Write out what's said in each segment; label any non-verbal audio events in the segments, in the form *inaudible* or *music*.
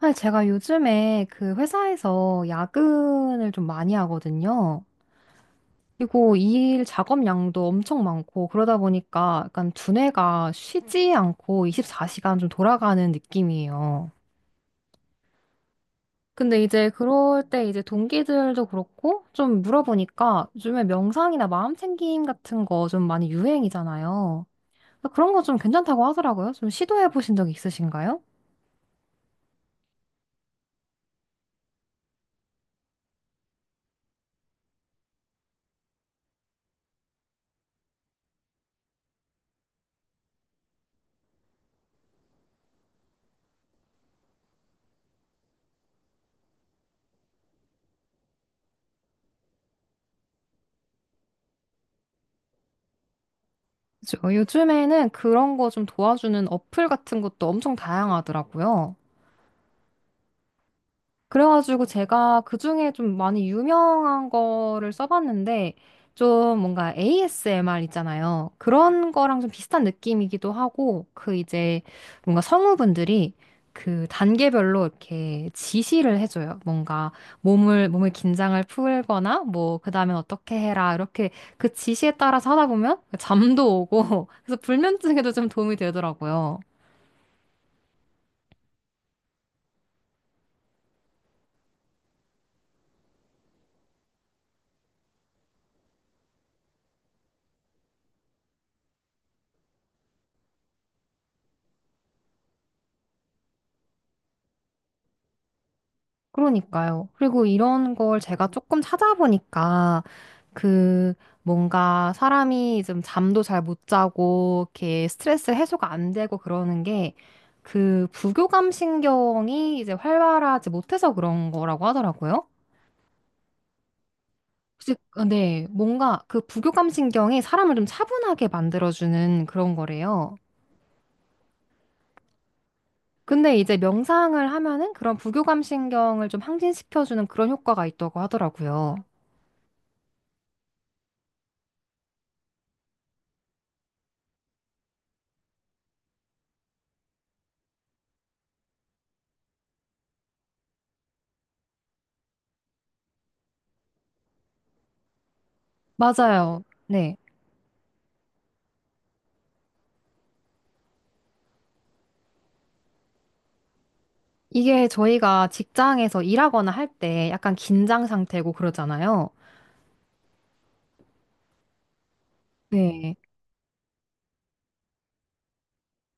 사실 제가 요즘에 그 회사에서 야근을 좀 많이 하거든요. 그리고 일 작업량도 엄청 많고 그러다 보니까 약간 두뇌가 쉬지 않고 24시간 좀 돌아가는 느낌이에요. 근데 이제 그럴 때 이제 동기들도 그렇고 좀 물어보니까 요즘에 명상이나 마음 챙김 같은 거 좀 많이 유행이잖아요. 그런 거 좀 괜찮다고 하더라고요. 좀 시도해 보신 적 있으신가요? 그죠. 요즘에는 그런 거 좀 도와주는 어플 같은 것도 엄청 다양하더라고요. 그래가지고 제가 그중에 좀 많이 유명한 거를 써봤는데 좀 뭔가 ASMR 있잖아요. 그런 거랑 좀 비슷한 느낌이기도 하고 그 이제 뭔가 성우분들이 그 단계별로 이렇게 지시를 해줘요. 뭔가 몸의 긴장을 풀거나 뭐 그다에 어떻게 해라 이렇게 그 지시에 따라서 하다 보면 잠도 오고 *laughs* 그래서 불면증에도 좀 도움이 되더라고요. 그러니까요. 그리고 이런 걸 제가 조금 찾아보니까 그 뭔가 사람이 좀 잠도 잘 못 자고 이렇게 스트레스 해소가 안 되고 그러는 게 그 부교감 신경이 이제 활발하지 못해서 그런 거라고 하더라고요. 혹시 네, 뭔가 그 부교감 신경이 사람을 좀 차분하게 만들어주는 그런 거래요. 근데 이제 명상을 하면은 그런 부교감 신경을 좀 항진시켜주는 그런 효과가 있다고 하더라고요. 맞아요. 네. 이게 저희가 직장에서 일하거나 할 때 약간 긴장 상태고 그러잖아요. 네.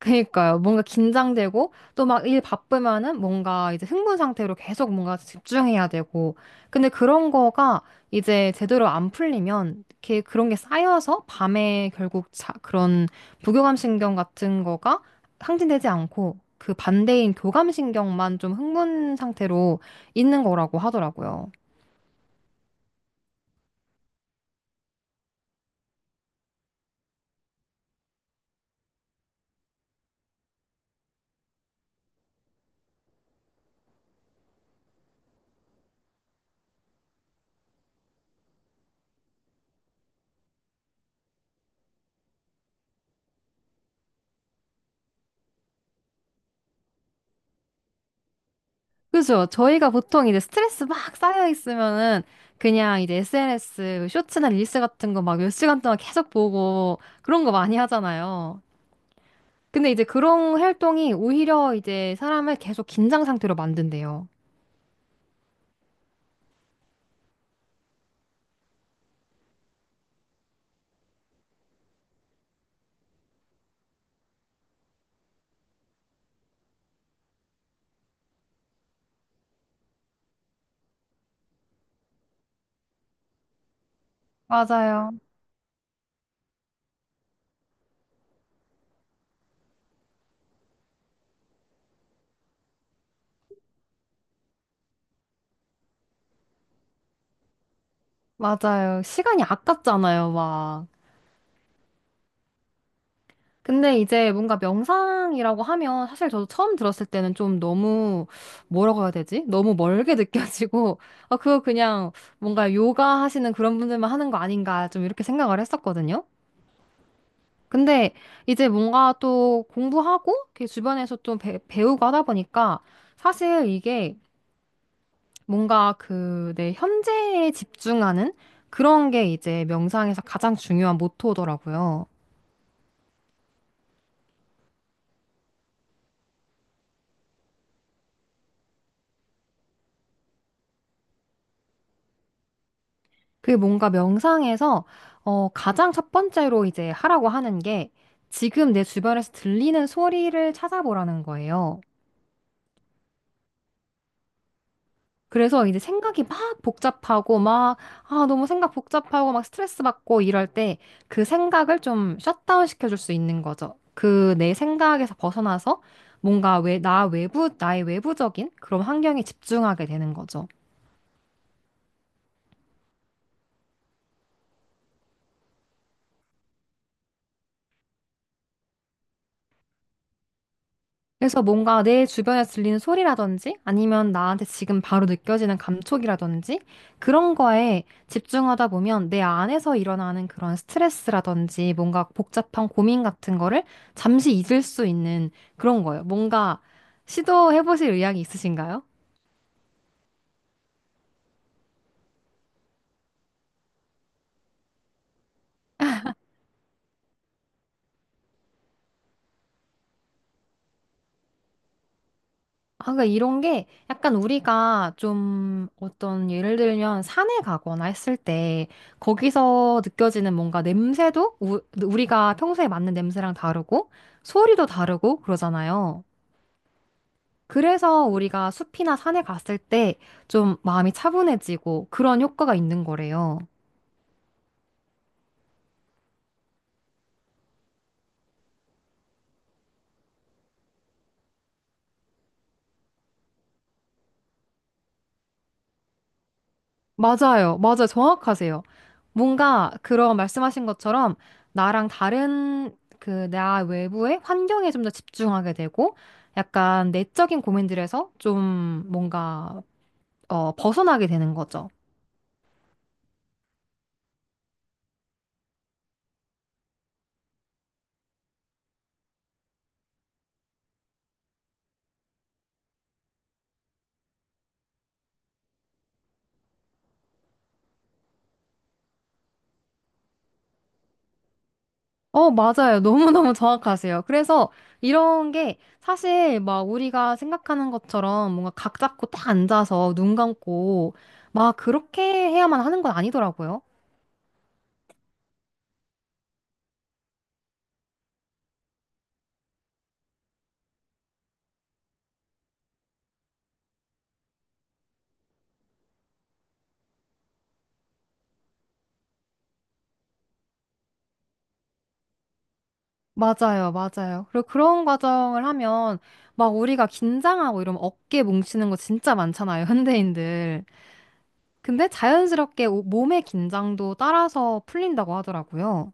그러니까요. 뭔가 긴장되고 또 막 일 바쁘면은 뭔가 이제 흥분 상태로 계속 뭔가 집중해야 되고. 근데 그런 거가 이제 제대로 안 풀리면 이렇게 그런 게 쌓여서 밤에 결국 그런 부교감신경 같은 거가 상진되지 않고 그 반대인 교감신경만 좀 흥분 상태로 있는 거라고 하더라고요. 그죠? 저희가 보통 이제 스트레스 막 쌓여 있으면은 그냥 이제 SNS 쇼츠나 릴스 같은 거 막 몇 시간 동안 계속 보고 그런 거 많이 하잖아요. 근데 이제 그런 활동이 오히려 이제 사람을 계속 긴장 상태로 만든대요. 맞아요. 맞아요. 시간이 아깝잖아요, 막. 근데 이제 뭔가 명상이라고 하면 사실 저도 처음 들었을 때는 좀 너무 뭐라고 해야 되지? 너무 멀게 *laughs* 느껴지고 아 그거 그냥 뭔가 요가 하시는 그런 분들만 하는 거 아닌가 좀 이렇게 생각을 했었거든요. 근데 이제 뭔가 또 공부하고 이렇게 주변에서 좀 배우고 하다 보니까 사실 이게 뭔가 그 내 현재에 집중하는 그런 게 이제 명상에서 가장 중요한 모토더라고요. 그게 뭔가 명상에서 가장 첫 번째로 이제 하라고 하는 게 지금 내 주변에서 들리는 소리를 찾아보라는 거예요. 그래서 이제 생각이 막 복잡하고 막, 아, 너무 생각 복잡하고 막 스트레스 받고 이럴 때 그 생각을 좀 셧다운 시켜줄 수 있는 거죠. 그 내 생각에서 벗어나서 뭔가 왜, 나 외부, 나의 외부적인 그런 환경에 집중하게 되는 거죠. 그래서 뭔가 내 주변에 들리는 소리라든지 아니면 나한테 지금 바로 느껴지는 감촉이라든지 그런 거에 집중하다 보면 내 안에서 일어나는 그런 스트레스라든지 뭔가 복잡한 고민 같은 거를 잠시 잊을 수 있는 그런 거예요. 뭔가 시도해 보실 의향이 있으신가요? 아, 그러니까 이런 게 약간 우리가 좀 어떤 예를 들면 산에 가거나 했을 때 거기서 느껴지는 뭔가 냄새도 우리가 평소에 맡는 냄새랑 다르고 소리도 다르고 그러잖아요. 그래서 우리가 숲이나 산에 갔을 때 좀 마음이 차분해지고 그런 효과가 있는 거래요. 맞아요. 맞아요. 정확하세요. 뭔가 그런 말씀하신 것처럼 나랑 다른 그 나 외부의 환경에 좀 더 집중하게 되고 약간 내적인 고민들에서 좀 뭔가 벗어나게 되는 거죠. 맞아요. *laughs* 너무너무 정확하세요. 그래서 이런 게 사실 막 우리가 생각하는 것처럼 뭔가 각 잡고 딱 앉아서 눈 감고 막 그렇게 해야만 하는 건 아니더라고요. 맞아요, 맞아요. 그리고 그런 과정을 하면 막 우리가 긴장하고 이러면 어깨 뭉치는 거 진짜 많잖아요, *laughs* 현대인들. 근데 자연스럽게 몸의 긴장도 따라서 풀린다고 하더라고요.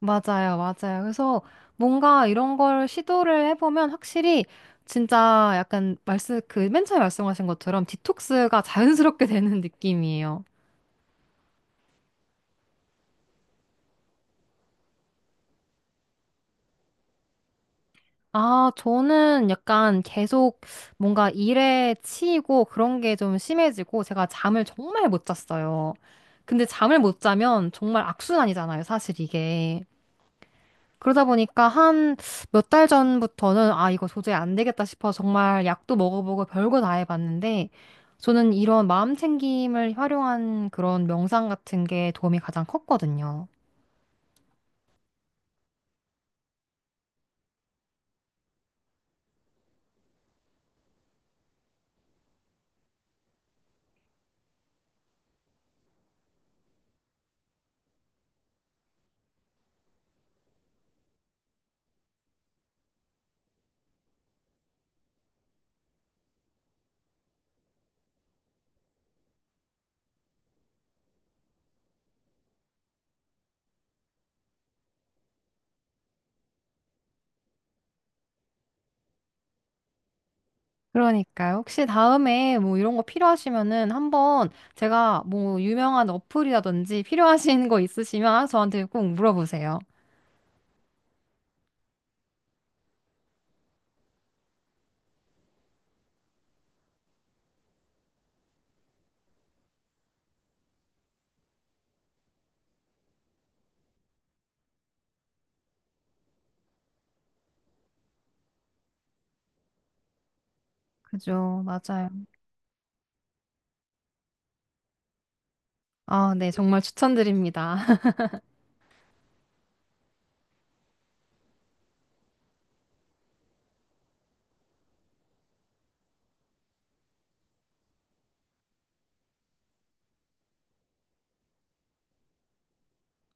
맞아요, 맞아요. 그래서 뭔가 이런 걸 시도를 해보면 확실히 진짜 약간 말씀, 그 맨 처음에 말씀하신 것처럼 디톡스가 자연스럽게 *laughs* 되는 느낌이에요. 아, 저는 약간 계속 뭔가 일에 치이고 그런 게 좀 심해지고 제가 잠을 정말 못 잤어요. 근데 잠을 못 자면 정말 악순환이잖아요, 사실 이게. 그러다 보니까 한 몇 달 전부터는 아, 이거 도저히 안 되겠다 싶어 정말 약도 먹어보고 별거 다 해봤는데 저는 이런 마음 챙김을 활용한 그런 명상 같은 게 도움이 가장 컸거든요. 그러니까요. 혹시 다음에 뭐 이런 거 필요하시면은 한번 제가 뭐 유명한 어플이라든지 *laughs* 필요하신 거 있으시면 저한테 꼭 물어보세요. 그죠. 맞아요. 아, 네. 정말 추천드립니다. *laughs*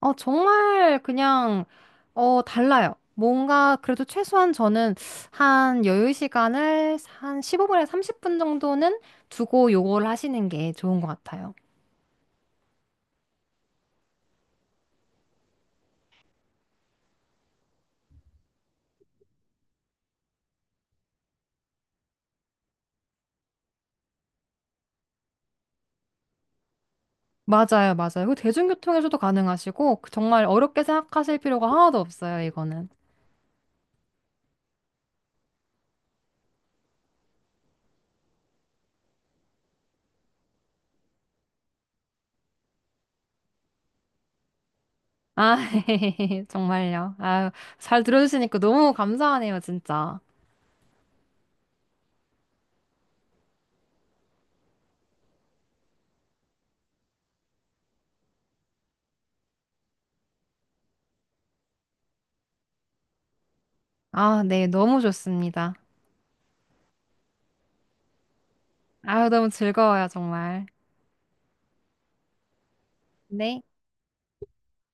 정말 그냥, 달라요. 뭔가 그래도 최소한 저는 한 여유 시간을 한 15분에 30분 정도는 두고 요거를 하시는 게 좋은 것 같아요. 맞아요. 맞아요. 그 대중교통에서도 가능하시고 정말 어렵게 생각하실 필요가 하나도 없어요. 이거는. 아, *laughs* 정말요. 아, 잘 들어주시니까 너무 감사하네요, 진짜. 아, 네, 너무 좋습니다. 아, 너무 즐거워요, 정말. 네.